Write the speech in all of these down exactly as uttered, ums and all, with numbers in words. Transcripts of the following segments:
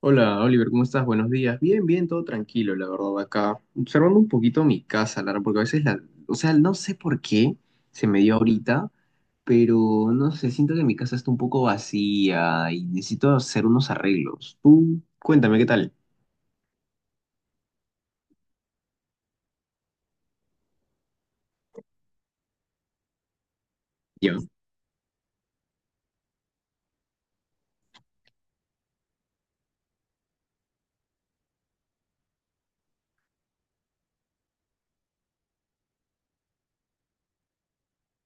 Hola Oliver, ¿cómo estás? Buenos días. Bien, bien, todo tranquilo, la verdad, acá. Observando un poquito mi casa, Lara, porque a veces la, o sea, no sé por qué se me dio ahorita, pero no sé, siento que mi casa está un poco vacía y necesito hacer unos arreglos. Tú, cuéntame qué tal. Ya,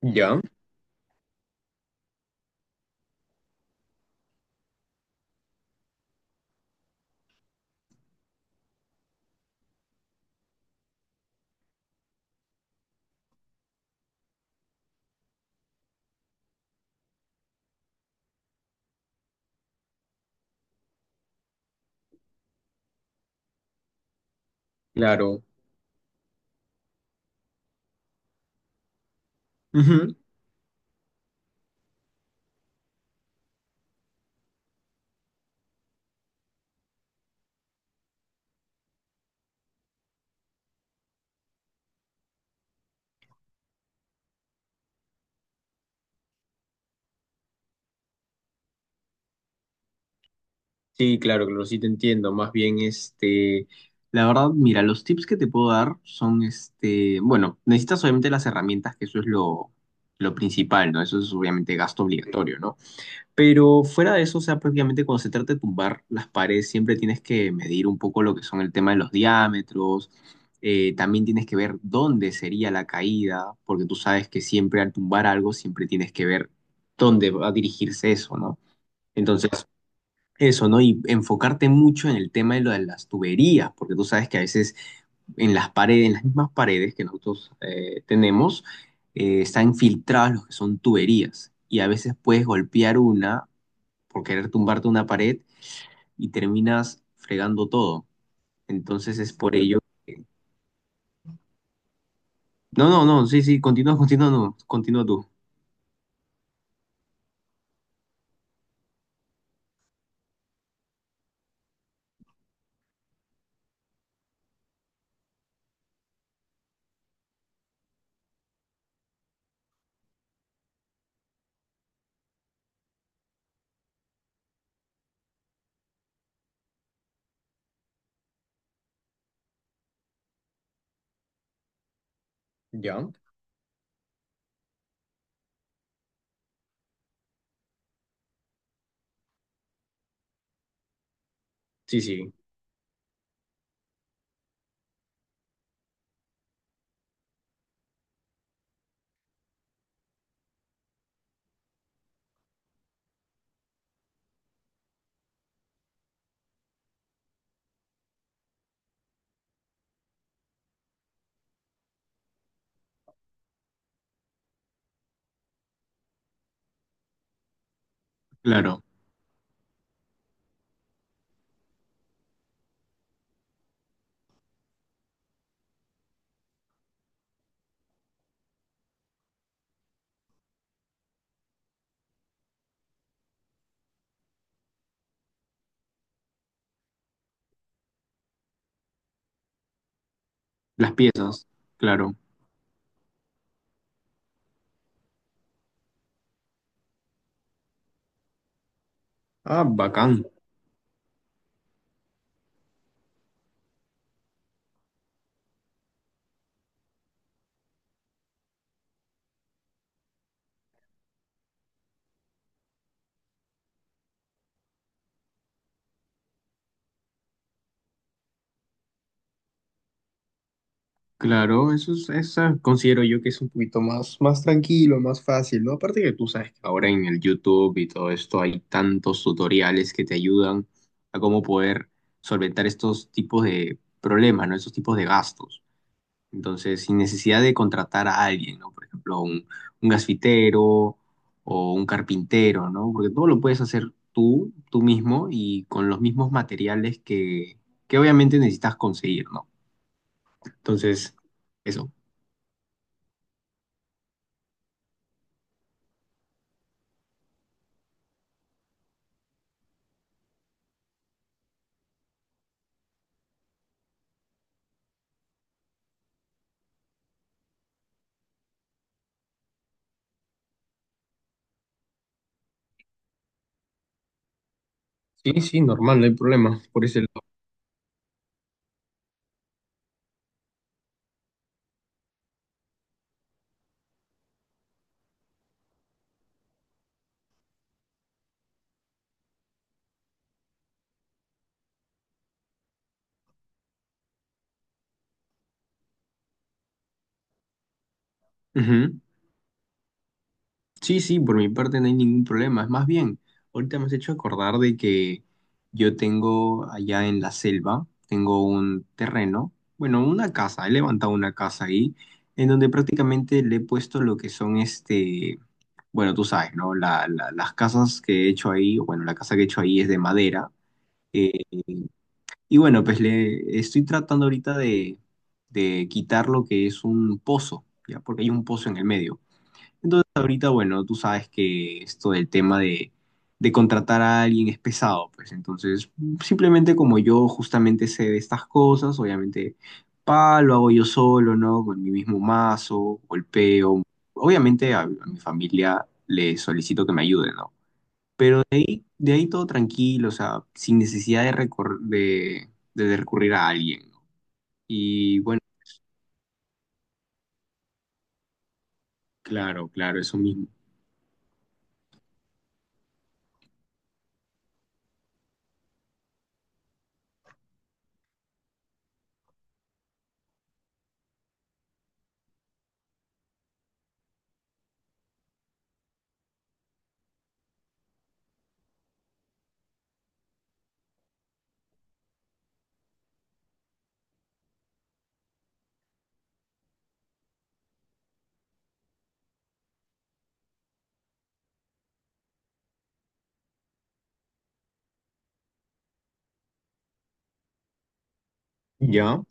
ya, claro. Ujú. Sí, claro, claro, sí te entiendo. Más bien, este, la verdad, mira, los tips que te puedo dar son, este, bueno, necesitas obviamente las herramientas, que eso es lo, lo principal, ¿no? Eso es obviamente gasto obligatorio, ¿no? Pero fuera de eso, o sea, prácticamente cuando se trata de tumbar las paredes, siempre tienes que medir un poco lo que son el tema de los diámetros. Eh, también tienes que ver dónde sería la caída, porque tú sabes que siempre al tumbar algo, siempre tienes que ver dónde va a dirigirse eso, ¿no? Entonces, eso, ¿no? Y enfocarte mucho en el tema de lo de las tuberías, porque tú sabes que a veces en las paredes, en las mismas paredes que nosotros eh, tenemos, eh, están filtrados los que son tuberías. Y a veces puedes golpear una por querer tumbarte una pared y terminas fregando todo. Entonces es por ello que- No, no, no, sí, sí, continúa, continúa, no, continúa tú. ¿Ya? Sí, sí. Claro, las piezas, claro. Ah, bacán. Claro, eso es, esa considero yo que es un poquito más, más tranquilo, más fácil, ¿no? Aparte que tú sabes que ahora en el YouTube y todo esto hay tantos tutoriales que te ayudan a cómo poder solventar estos tipos de problemas, ¿no? Estos tipos de gastos. Entonces, sin necesidad de contratar a alguien, ¿no? Por ejemplo, un, un gasfitero o un carpintero, ¿no? Porque todo lo puedes hacer tú, tú mismo y con los mismos materiales que, que obviamente necesitas conseguir, ¿no? Entonces, eso. Sí, sí, normal, no hay problema por ese lado. Ujú. Sí, sí, por mi parte no hay ningún problema. Es más bien, ahorita me has hecho acordar de que yo tengo allá en la selva, tengo un terreno, bueno, una casa, he levantado una casa ahí, en donde prácticamente le he puesto lo que son este, bueno, tú sabes, ¿no? La- la- las casas que he hecho ahí, bueno, la casa que he hecho ahí es de madera. eh, Y bueno, pues le estoy tratando ahorita de, de quitar lo que es un pozo, ¿ya? Porque hay un pozo en el medio. Entonces ahorita, bueno, tú sabes que esto del tema de, de contratar a alguien es pesado, pues entonces simplemente como yo justamente sé de estas cosas, obviamente pa, lo hago yo solo, ¿no? Con mi mismo mazo, golpeo. Obviamente a, a mi familia le solicito que me ayude, ¿no? De ahí todo tranquilo, o sea, sin necesidad de, recor- de, de recurrir a alguien, ¿no? Y bueno, claro, claro, eso mismo. Ya,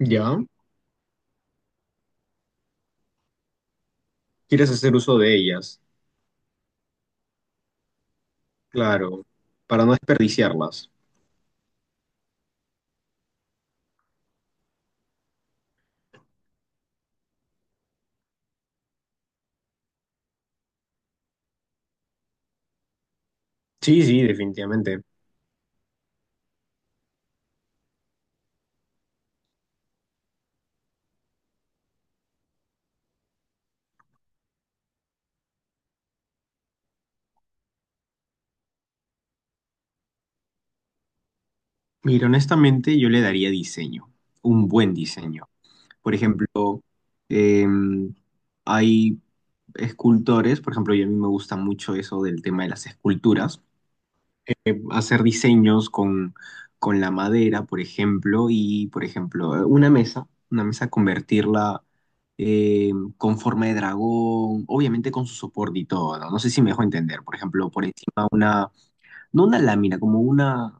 ya. Quieres hacer uso de ellas, claro, para no desperdiciarlas. Sí, sí, definitivamente. Mira, honestamente yo le daría diseño, un buen diseño. Por ejemplo, em, hay escultores, por ejemplo, y a mí me gusta mucho eso del tema de las esculturas eh, hacer diseños con, con la madera, por ejemplo, y, por ejemplo, eh, una mesa, una mesa convertirla eh, con forma de dragón, obviamente con su soporte y todo, ¿no? No sé si me dejo entender, por ejemplo, por encima una, no una lámina, como una,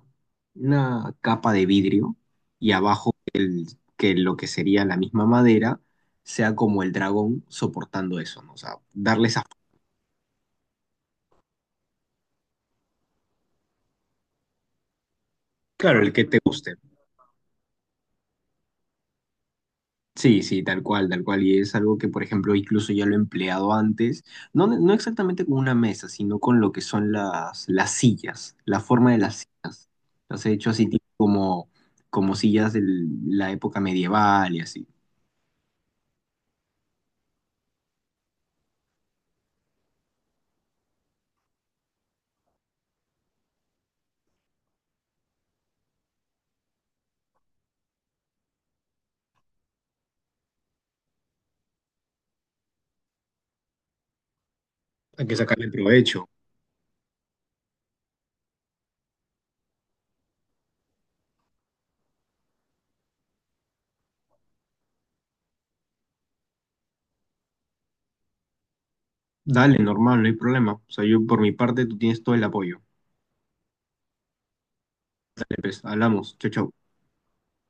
una capa de vidrio y abajo el, que lo que sería la misma madera sea como el dragón soportando eso, ¿no? O sea, darle esa... Claro, el que te guste. Sí, sí, tal cual, tal cual. Y es algo que, por ejemplo, incluso ya lo he empleado antes, no, no exactamente con una mesa, sino con lo que son las, las sillas, la forma de las sillas. Las he hecho así tipo como, como sillas de la época medieval y así. Hay que sacarle provecho. Dale, normal, no hay problema. O sea, yo por mi parte, tú tienes todo el apoyo. Dale, pues, hablamos. Chau, chau.